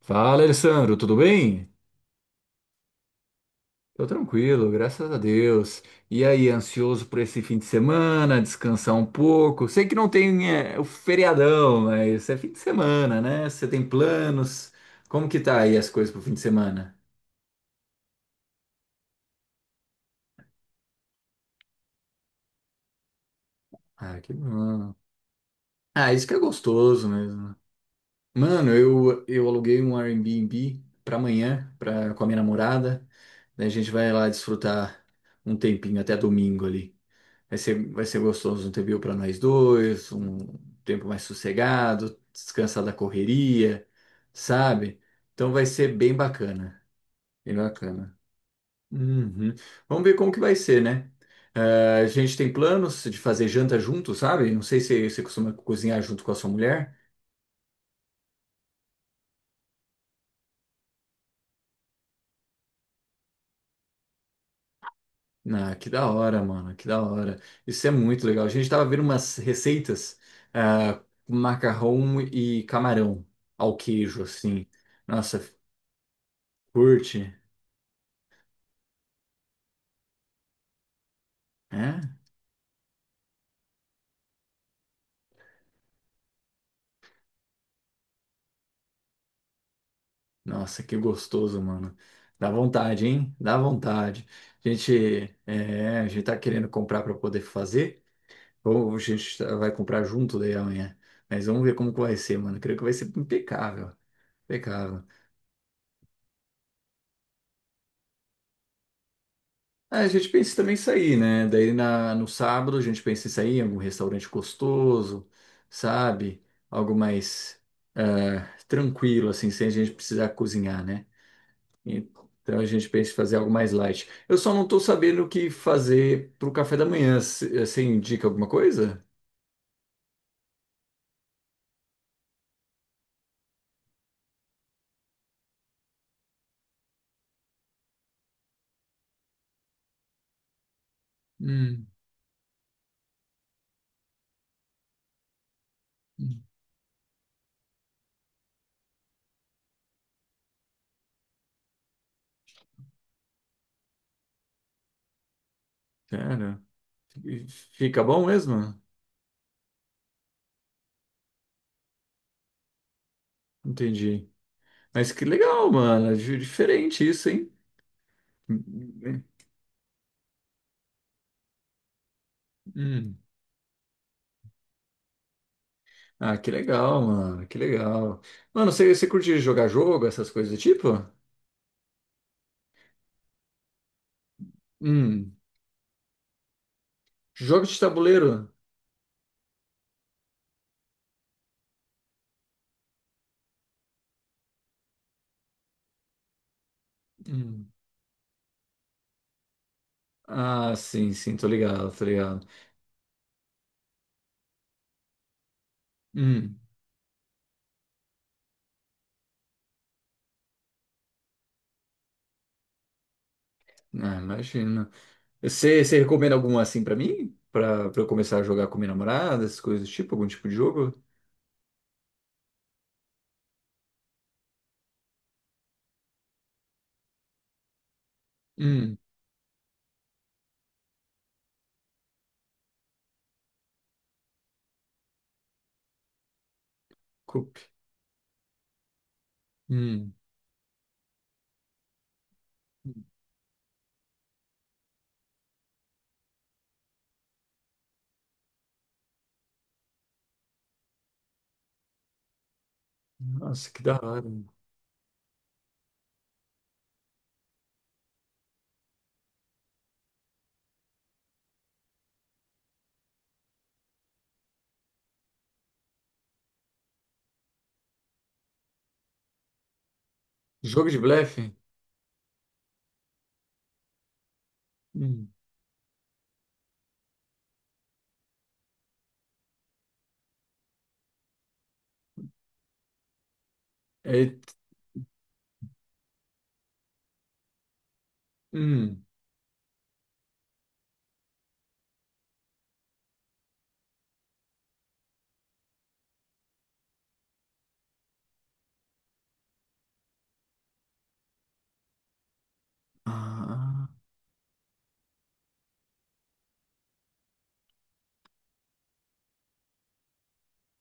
Fala, Alessandro, tudo bem? Tô tranquilo, graças a Deus. E aí, ansioso por esse fim de semana, descansar um pouco? Sei que não tem, o feriadão, mas é fim de semana, né? Você tem planos? Como que tá aí as coisas pro fim de semana? Ah, que bom. Ah, isso que é gostoso mesmo. Mano, eu aluguei um Airbnb pra amanhã, pra, com a minha namorada. Daí a gente vai lá desfrutar um tempinho até domingo ali. Vai ser gostoso um TBU para nós dois, um tempo mais sossegado, descansar da correria, sabe? Então vai ser bem bacana, bem bacana. Uhum. Vamos ver como que vai ser, né? Ah, a gente tem planos de fazer janta junto, sabe? Não sei se você costuma cozinhar junto com a sua mulher. Ah, que da hora, mano, que da hora. Isso é muito legal. A gente tava vendo umas receitas, ah, com macarrão e camarão ao queijo, assim. Nossa, curte. É? Nossa, que gostoso, mano. Dá vontade, hein? Dá vontade. A gente, a gente tá querendo comprar para poder fazer, ou a gente vai comprar junto daí amanhã. Mas vamos ver como que vai ser, mano. Creio que vai ser impecável. Impecável. Ah, a gente pensa também em sair, né? Daí no sábado a gente pensa em sair em algum restaurante gostoso, sabe? Algo mais tranquilo, assim, sem a gente precisar cozinhar, né? Então a gente pensa em fazer algo mais light. Eu só não estou sabendo o que fazer para o café da manhã. Você indica alguma coisa? Hum, hum. Cara, e fica bom mesmo? Entendi. Mas que legal, mano. É Diferente isso, hein? Hum. Ah, que legal, mano. Que legal. Mano, você curte jogar jogo, essas coisas do tipo? Hum. Jogo de tabuleiro? Hum, Ah, sim, sim, tô ligado, tô ligado. Hum. Ah, imagina. Você recomenda alguma assim pra mim? Pra eu começar a jogar com minha namorada, essas coisas do tipo, algum tipo de jogo? Hum, Coop. Hum, nossa, que da hora. Jogo de blefe? Hum, é, hum. Ah,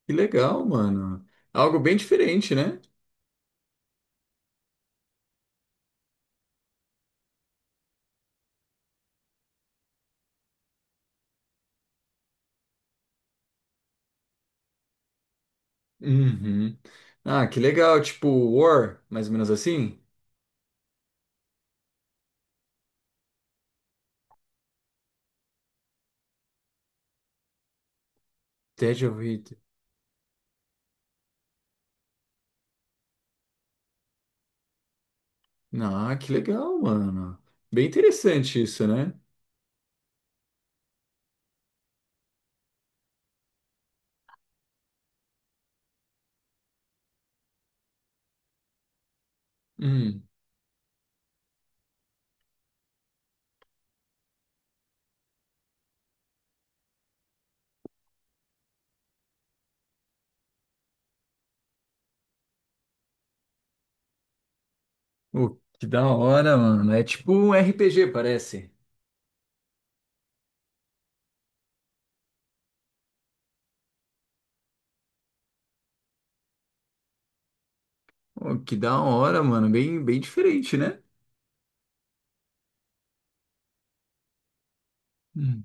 que legal, mano. Algo bem diferente, né? Uhum. Ah, que legal, tipo War, mais ou menos assim? Dead of It. Ah, que legal, mano. Bem interessante isso, né? Hum. Oh, que da hora, mano. É tipo um RPG, parece. Pô, que da hora, mano. Bem, bem diferente, né? Hum.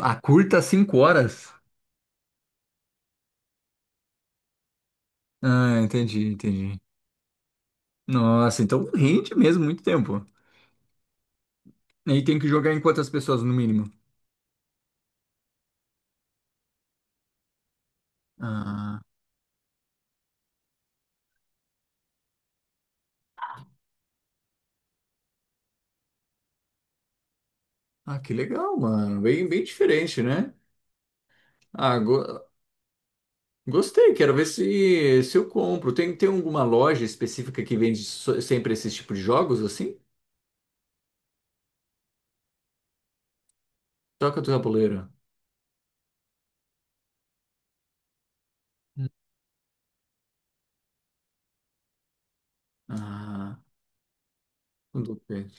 A curta, 5 horas. Ah, entendi, entendi. Nossa, então rende mesmo muito tempo. E tem que jogar em quantas pessoas no mínimo? Ah, ah, que legal, mano. Bem, bem diferente, né? Ah, go- gostei. Quero ver se eu compro. Tem alguma loja específica que vende sempre esse tipo de jogos assim? Toca do tabuleiro. Hum. Ah, tudo bem.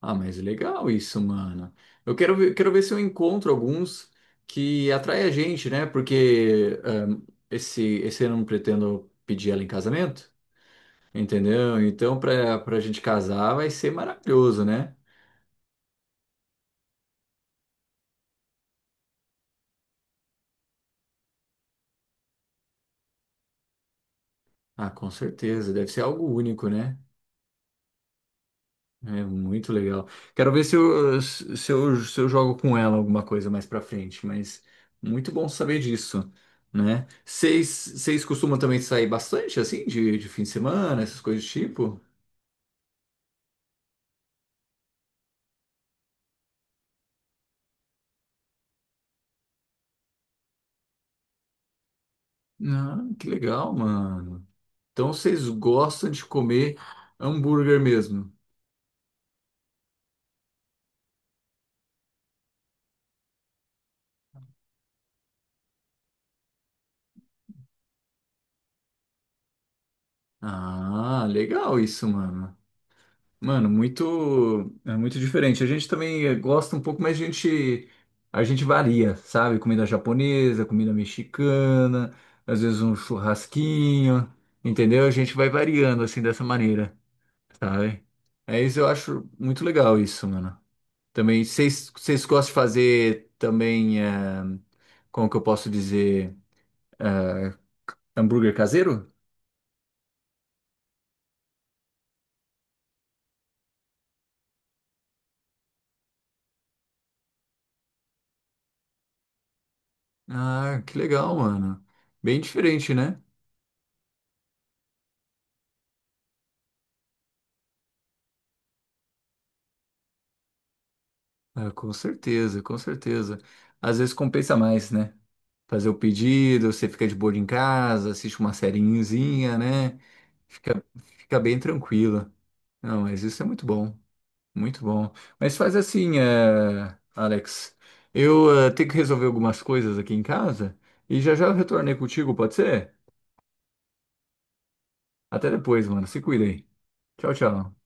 Ah, mas legal isso, mano. Quero ver se eu encontro alguns que atraem a gente, né? Porque esse ano eu não pretendo pedir ela em casamento, entendeu? Então, pra gente casar vai ser maravilhoso, né? Ah, com certeza. Deve ser algo único, né? É muito legal. Quero ver se eu jogo com ela alguma coisa mais pra frente, mas muito bom saber disso, né? Vocês costumam também sair bastante, assim, de fim de semana, essas coisas do tipo? Ah, que legal, mano. Então vocês gostam de comer hambúrguer mesmo? Ah, legal isso, mano. Mano, é muito diferente. A gente também gosta um pouco, mas a gente varia, sabe? Comida japonesa, comida mexicana, às vezes um churrasquinho, entendeu? A gente vai variando assim dessa maneira, sabe? É isso, eu acho muito legal isso, mano. Também, vocês gostam de fazer também, como que eu posso dizer, eh, hambúrguer caseiro? Ah, que legal, mano. Bem diferente, né? Ah, com certeza, com certeza. Às vezes compensa mais, né? Fazer o pedido, você fica de boa em casa, assiste uma sériezinha, né? Fica, fica bem tranquila. Não, mas isso é muito bom, muito bom. Mas faz assim, Alex, eu tenho que resolver algumas coisas aqui em casa e já já eu retornei contigo, pode ser? Até depois, mano. Se cuida aí. Tchau, tchau.